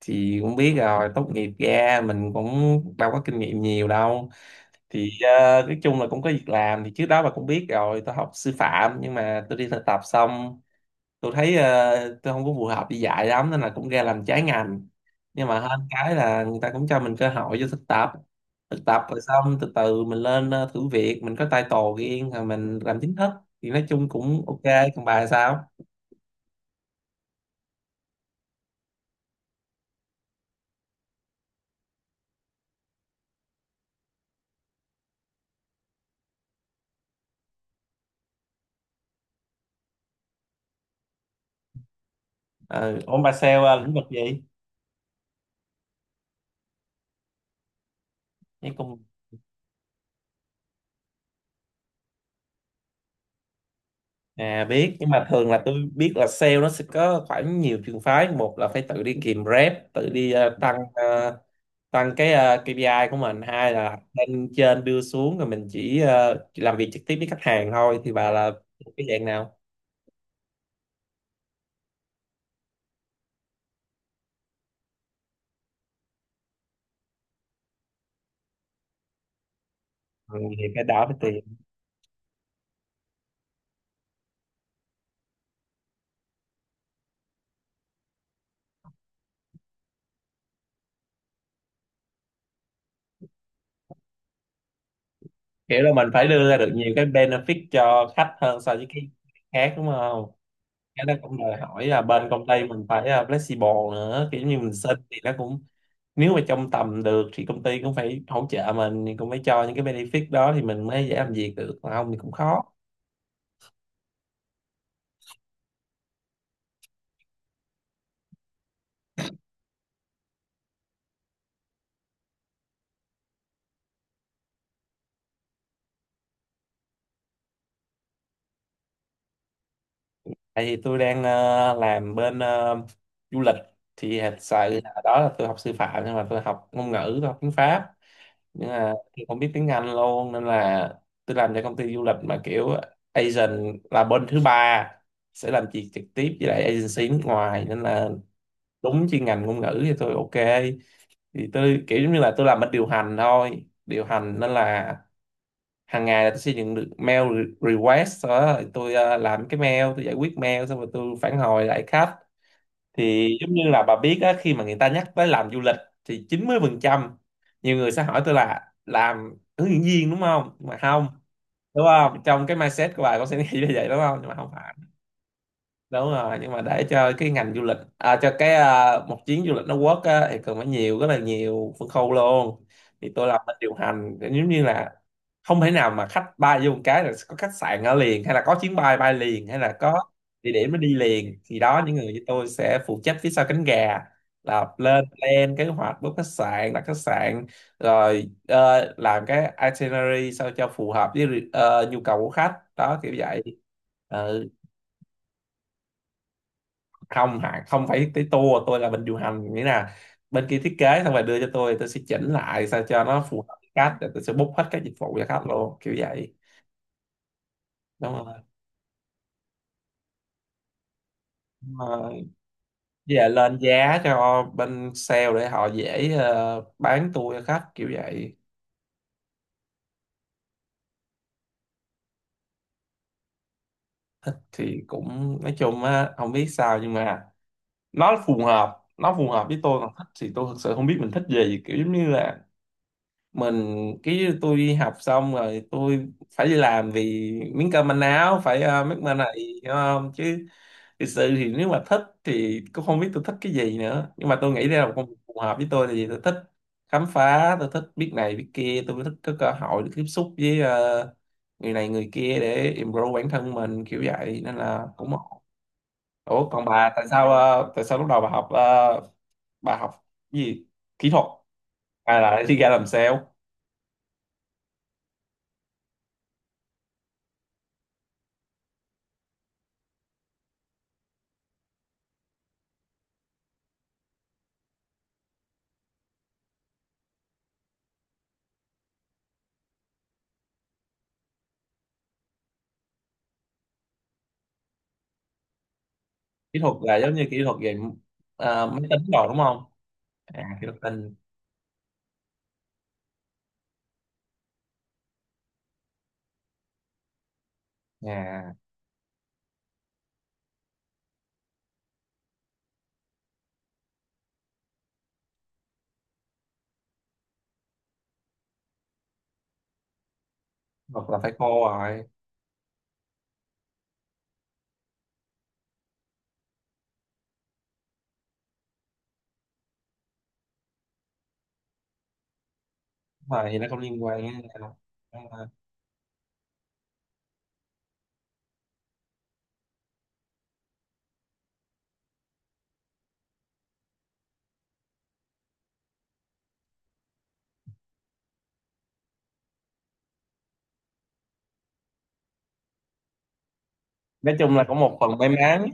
Thì cũng biết rồi, tốt nghiệp ra mình cũng đâu có kinh nghiệm nhiều đâu. Thì nói chung là cũng có việc làm. Thì trước đó bà cũng biết rồi, tôi học sư phạm nhưng mà tôi đi thực tập xong tôi thấy tôi không có phù hợp đi dạy lắm nên là cũng ra làm trái ngành. Nhưng mà hơn cái là người ta cũng cho mình cơ hội cho thực tập. Thực tập rồi xong từ từ mình lên thử việc, mình có title riêng rồi mình làm chính thức, thì nói chung cũng ok. Còn bà sao? Ừ, ổn. Bà sale lĩnh vực gì? À biết, nhưng mà thường là tôi biết là sale nó sẽ có khoảng nhiều trường phái. Một là phải tự đi kìm rep, tự đi tăng, tăng cái KPI của mình. Hai là lên trên đưa xuống rồi mình chỉ chỉ làm việc trực tiếp với khách hàng thôi. Thì bà là cái dạng nào? Ừ, thì cái đó phải tìm. Kiểu là mình phải đưa ra được nhiều cái benefit cho khách hơn so với cái khác đúng không? Cái đó cũng đòi hỏi là bên công ty mình phải flexible nữa, kiểu như mình xin thì nó cũng, nếu mà trong tầm được thì công ty cũng phải hỗ trợ mình, thì cũng phải cho những cái benefit đó thì mình mới dễ làm việc được, còn không thì cũng khó. Tại vì tôi đang làm bên du lịch, thì thật sự là đó là tôi học sư phạm nhưng mà tôi học ngôn ngữ, tôi học tiếng Pháp, nhưng mà tôi không biết tiếng Anh luôn, nên là tôi làm cho công ty du lịch mà kiểu agent là bên thứ ba, sẽ làm việc trực tiếp với lại agency nước ngoài nên là đúng chuyên ngành ngôn ngữ thì tôi ok. Thì tôi kiểu giống như là tôi làm bên điều hành thôi, điều hành, nên là hàng ngày là tôi sẽ nhận được mail request, sau đó thì tôi làm cái mail, tôi giải quyết mail xong rồi tôi phản hồi lại khách. Thì giống như là bà biết á, khi mà người ta nhắc tới làm du lịch thì 90% nhiều người sẽ hỏi tôi là làm hướng dẫn viên đúng không, nhưng mà không đúng không, trong cái mindset của bà có sẽ nghĩ như vậy đúng không, nhưng mà không. Đúng rồi, nhưng mà để cho cái ngành du lịch à, cho cái à, một chuyến du lịch nó work á, thì cần phải nhiều, rất là nhiều phân khâu luôn. Thì tôi làm bên điều hành giống như là không thể nào mà khách bay vô một cái là có khách sạn ở liền, hay là có chuyến bay bay liền, hay là có địa điểm nó đi liền. Thì đó, những người như tôi sẽ phụ trách phía sau cánh gà, là lên plan kế hoạch, book khách sạn, đặt khách sạn, rồi làm cái itinerary sao cho phù hợp với nhu cầu của khách đó, kiểu vậy. Ừ, không hả, không phải tới tour, tôi là bên điều hành, nghĩa là bên kia thiết kế xong rồi đưa cho tôi sẽ chỉnh lại sao cho nó phù hợp với khách rồi tôi sẽ book hết các dịch vụ cho khách luôn kiểu vậy. Đúng rồi. Đúng rồi. Với lại lên giá cho bên sale để họ dễ bán tour cho khách kiểu vậy. Thì cũng nói chung á, không biết sao nhưng mà nó phù hợp, nó phù hợp với tôi. Còn thích thì tôi thực sự không biết mình thích gì, kiểu giống như là mình, cái tôi đi học xong rồi tôi phải đi làm vì miếng cơm manh áo, phải make money, hiểu không, chứ thực sự thì nếu mà thích thì cũng không biết tôi thích cái gì nữa. Nhưng mà tôi nghĩ đây là một công việc phù hợp với tôi, tại vì tôi thích khám phá, tôi thích biết này biết kia, tôi thích có cơ hội được tiếp xúc với người này người kia để improve bản thân mình, kiểu vậy nên là cũng ổn. Ủa còn bà, tại sao tại sao lúc đầu bà học bà học cái gì? Kỹ thuật, hay là đi ra làm sale? Kỹ thuật là giống như kỹ thuật về máy tính rồi đúng không? À kỹ thuật tin. À kỹ là phải cô rồi, mà thì nó không liên quan với nhau. Đúng rồi. Nói chung là có một phần may mắn.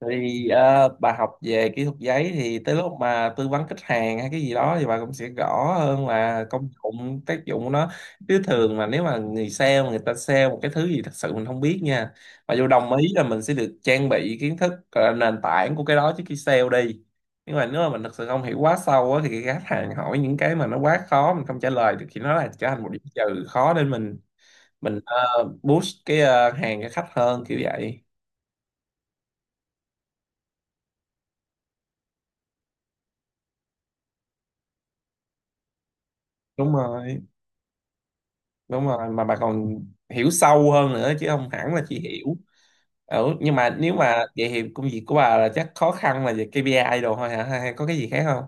Thì bà học về kỹ thuật giấy thì tới lúc mà tư vấn khách hàng hay cái gì đó thì bà cũng sẽ rõ hơn là công dụng tác dụng của nó. Chứ thường mà nếu mà người sale mà người ta sale một cái thứ gì thật sự mình không biết nha, mà dù đồng ý là mình sẽ được trang bị kiến thức nền tảng của cái đó trước khi sale đi, nhưng mà nếu mà mình thật sự không hiểu quá sâu á, thì khi khách hàng hỏi những cái mà nó quá khó mình không trả lời được thì nó là trở thành một điểm trừ, khó để mình mình boost cái hàng cho khách hơn kiểu vậy. Đúng rồi, đúng rồi, mà bà còn hiểu sâu hơn nữa chứ không hẳn là chỉ hiểu. Ừ, nhưng mà nếu mà vậy thì công việc của bà là chắc khó khăn là về ca pê I đồ thôi hả, hay hay có cái gì khác không?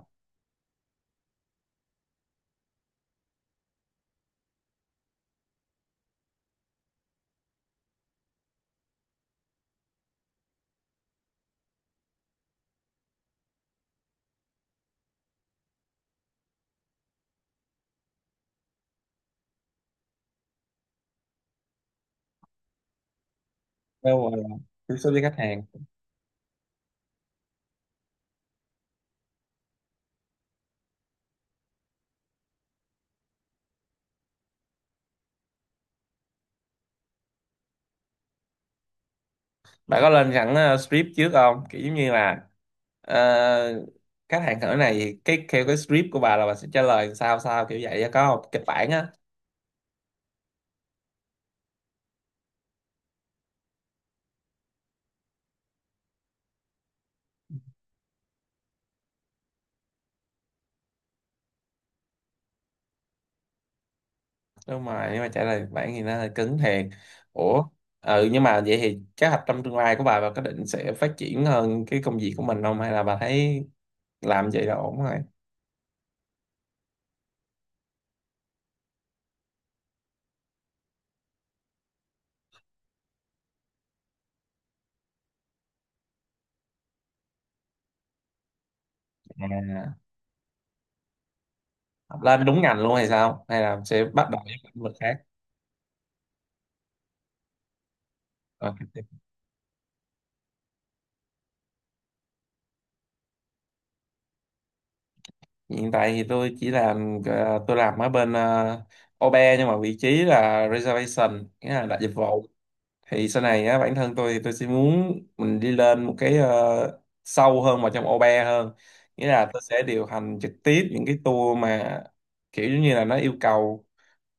Đâu rồi, tiếp xúc với khách hàng. Bà có lên sẵn script trước không, kiểu giống như là ờ, khách hàng hỏi này cái theo cái script của bà là bà sẽ trả lời sao sao kiểu vậy á, có không, kịch bản á? Đúng rồi, nếu mà trả lời bản thì nó hơi cứng thiệt. Ủa ừ, nhưng mà vậy thì kế hoạch trong tương lai của bà có định sẽ phát triển hơn cái công việc của mình không, hay là bà thấy làm vậy là ổn rồi? À, học lên đúng ngành luôn hay sao, hay là sẽ bắt đầu với lĩnh vực khác? Ờ, hiện tại thì tôi chỉ làm tôi làm ở bên OBE, nhưng mà vị trí là reservation, nghĩa là đặt dịch vụ. Thì sau này á bản thân tôi thì tôi sẽ muốn mình đi lên một cái sâu hơn vào trong OBE hơn, nghĩa là tôi sẽ điều hành trực tiếp những cái tour mà kiểu giống như là nó yêu cầu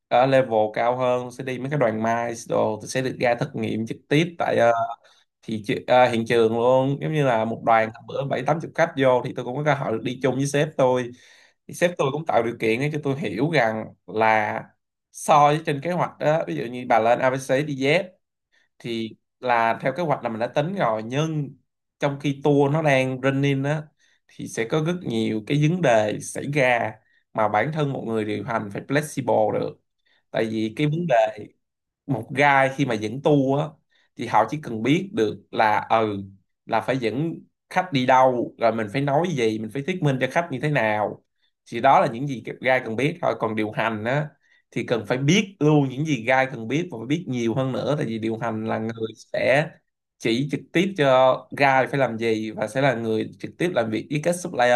ở level cao hơn, sẽ đi mấy cái đoàn mice đồ, tôi sẽ được ra thực nghiệm trực tiếp tại hiện trường luôn. Giống như là một đoàn hôm bữa bảy tám chục khách vô thì tôi cũng có cơ hội được đi chung với sếp tôi. Thì sếp tôi cũng tạo điều kiện để cho tôi hiểu rằng là so với trên kế hoạch đó, ví dụ như bà lên ABC đi Z, thì là theo kế hoạch là mình đã tính rồi, nhưng trong khi tour nó đang running á thì sẽ có rất nhiều cái vấn đề xảy ra mà bản thân một người điều hành phải flexible được. Tại vì cái vấn đề, một guide khi mà dẫn tour á thì họ chỉ cần biết được là ừ là phải dẫn khách đi đâu, rồi mình phải nói gì, mình phải thuyết minh cho khách như thế nào, thì đó là những gì guide cần biết thôi. Còn điều hành á thì cần phải biết luôn những gì guide cần biết và phải biết nhiều hơn nữa, tại vì điều hành là người sẽ chỉ trực tiếp cho guide phải làm gì, và sẽ là người trực tiếp làm việc với các supplier.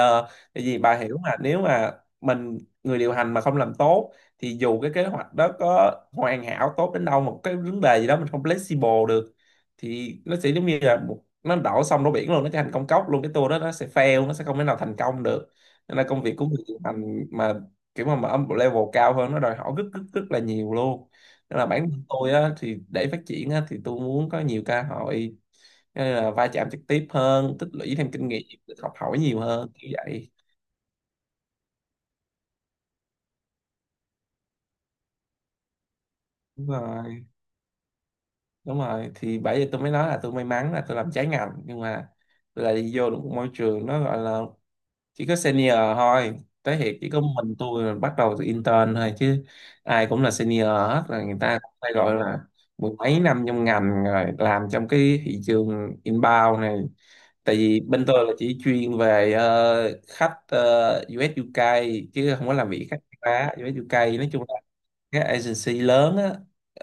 Tại vì bà hiểu mà, nếu mà mình người điều hành mà không làm tốt thì dù cái kế hoạch đó có hoàn hảo tốt đến đâu, một cái vấn đề gì đó mình không flexible được thì nó sẽ giống như là một, nó đổ sông đổ biển luôn, nó trở thành công cốc luôn, cái tour đó nó sẽ fail, nó sẽ không thể nào thành công được. Nên là công việc của người điều hành mà kiểu mà ở một level cao hơn nó đòi hỏi rất rất rất là nhiều luôn. Nên là bản thân tôi á, thì để phát triển á, thì tôi muốn có nhiều cơ hội, nên là va chạm trực tiếp hơn, tích lũy thêm kinh nghiệm, học hỏi nhiều hơn như vậy. Đúng rồi. Đúng rồi, thì bởi vì tôi mới nói là tôi may mắn, là tôi làm trái ngành nhưng mà tôi lại đi vô được một môi trường nó gọi là chỉ có senior thôi. Tới hiện chỉ có mình tôi là bắt đầu từ intern thôi, chứ ai cũng là senior hết rồi, người ta cũng phải gọi là mười mấy năm trong ngành rồi, làm trong cái thị trường inbound này. Tại vì bên tôi là chỉ chuyên về khách US UK, chứ không có làm việc khách châu Á. US UK nói chung các agency lớn á,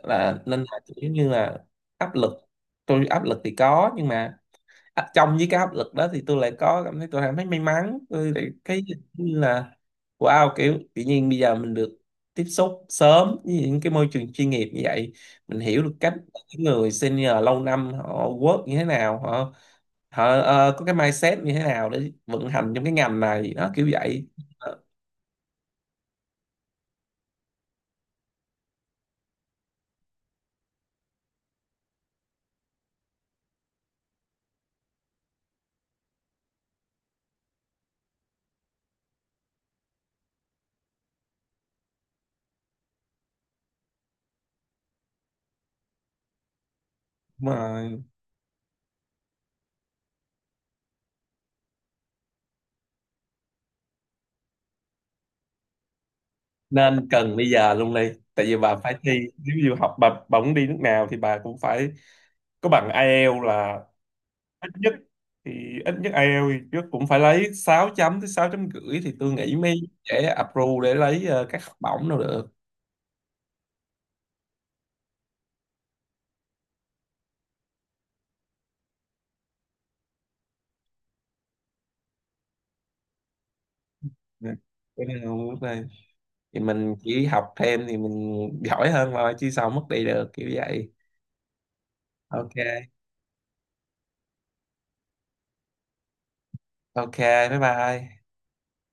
là nên là kiểu như là áp lực. Tôi áp lực thì có, nhưng mà trong với cái áp lực đó thì tôi lại có cảm thấy, tôi cảm thấy may mắn, tôi lại cái như là wow, kiểu tự nhiên bây giờ mình được tiếp xúc sớm với những cái môi trường chuyên nghiệp như vậy, mình hiểu được cách những người senior lâu năm họ work như thế nào, họ họ ờ, có cái mindset như thế nào để vận hành trong cái ngành này đó kiểu vậy. Ờ, đúng rồi nên cần bây giờ luôn đi, tại vì bà phải thi. Nếu như học bà muốn đi nước nào thì bà cũng phải có bằng IELTS là ít nhất. Thì ít nhất IELTS thì trước cũng phải lấy 6 chấm tới 6 chấm rưỡi thì tôi nghĩ mới dễ approve để lấy các học bổng đâu được. Nè, cái này không mất đây, thì mình chỉ học thêm thì mình giỏi hơn thôi chứ sao mất đi được kiểu vậy. Ok. Ok. Bye bye.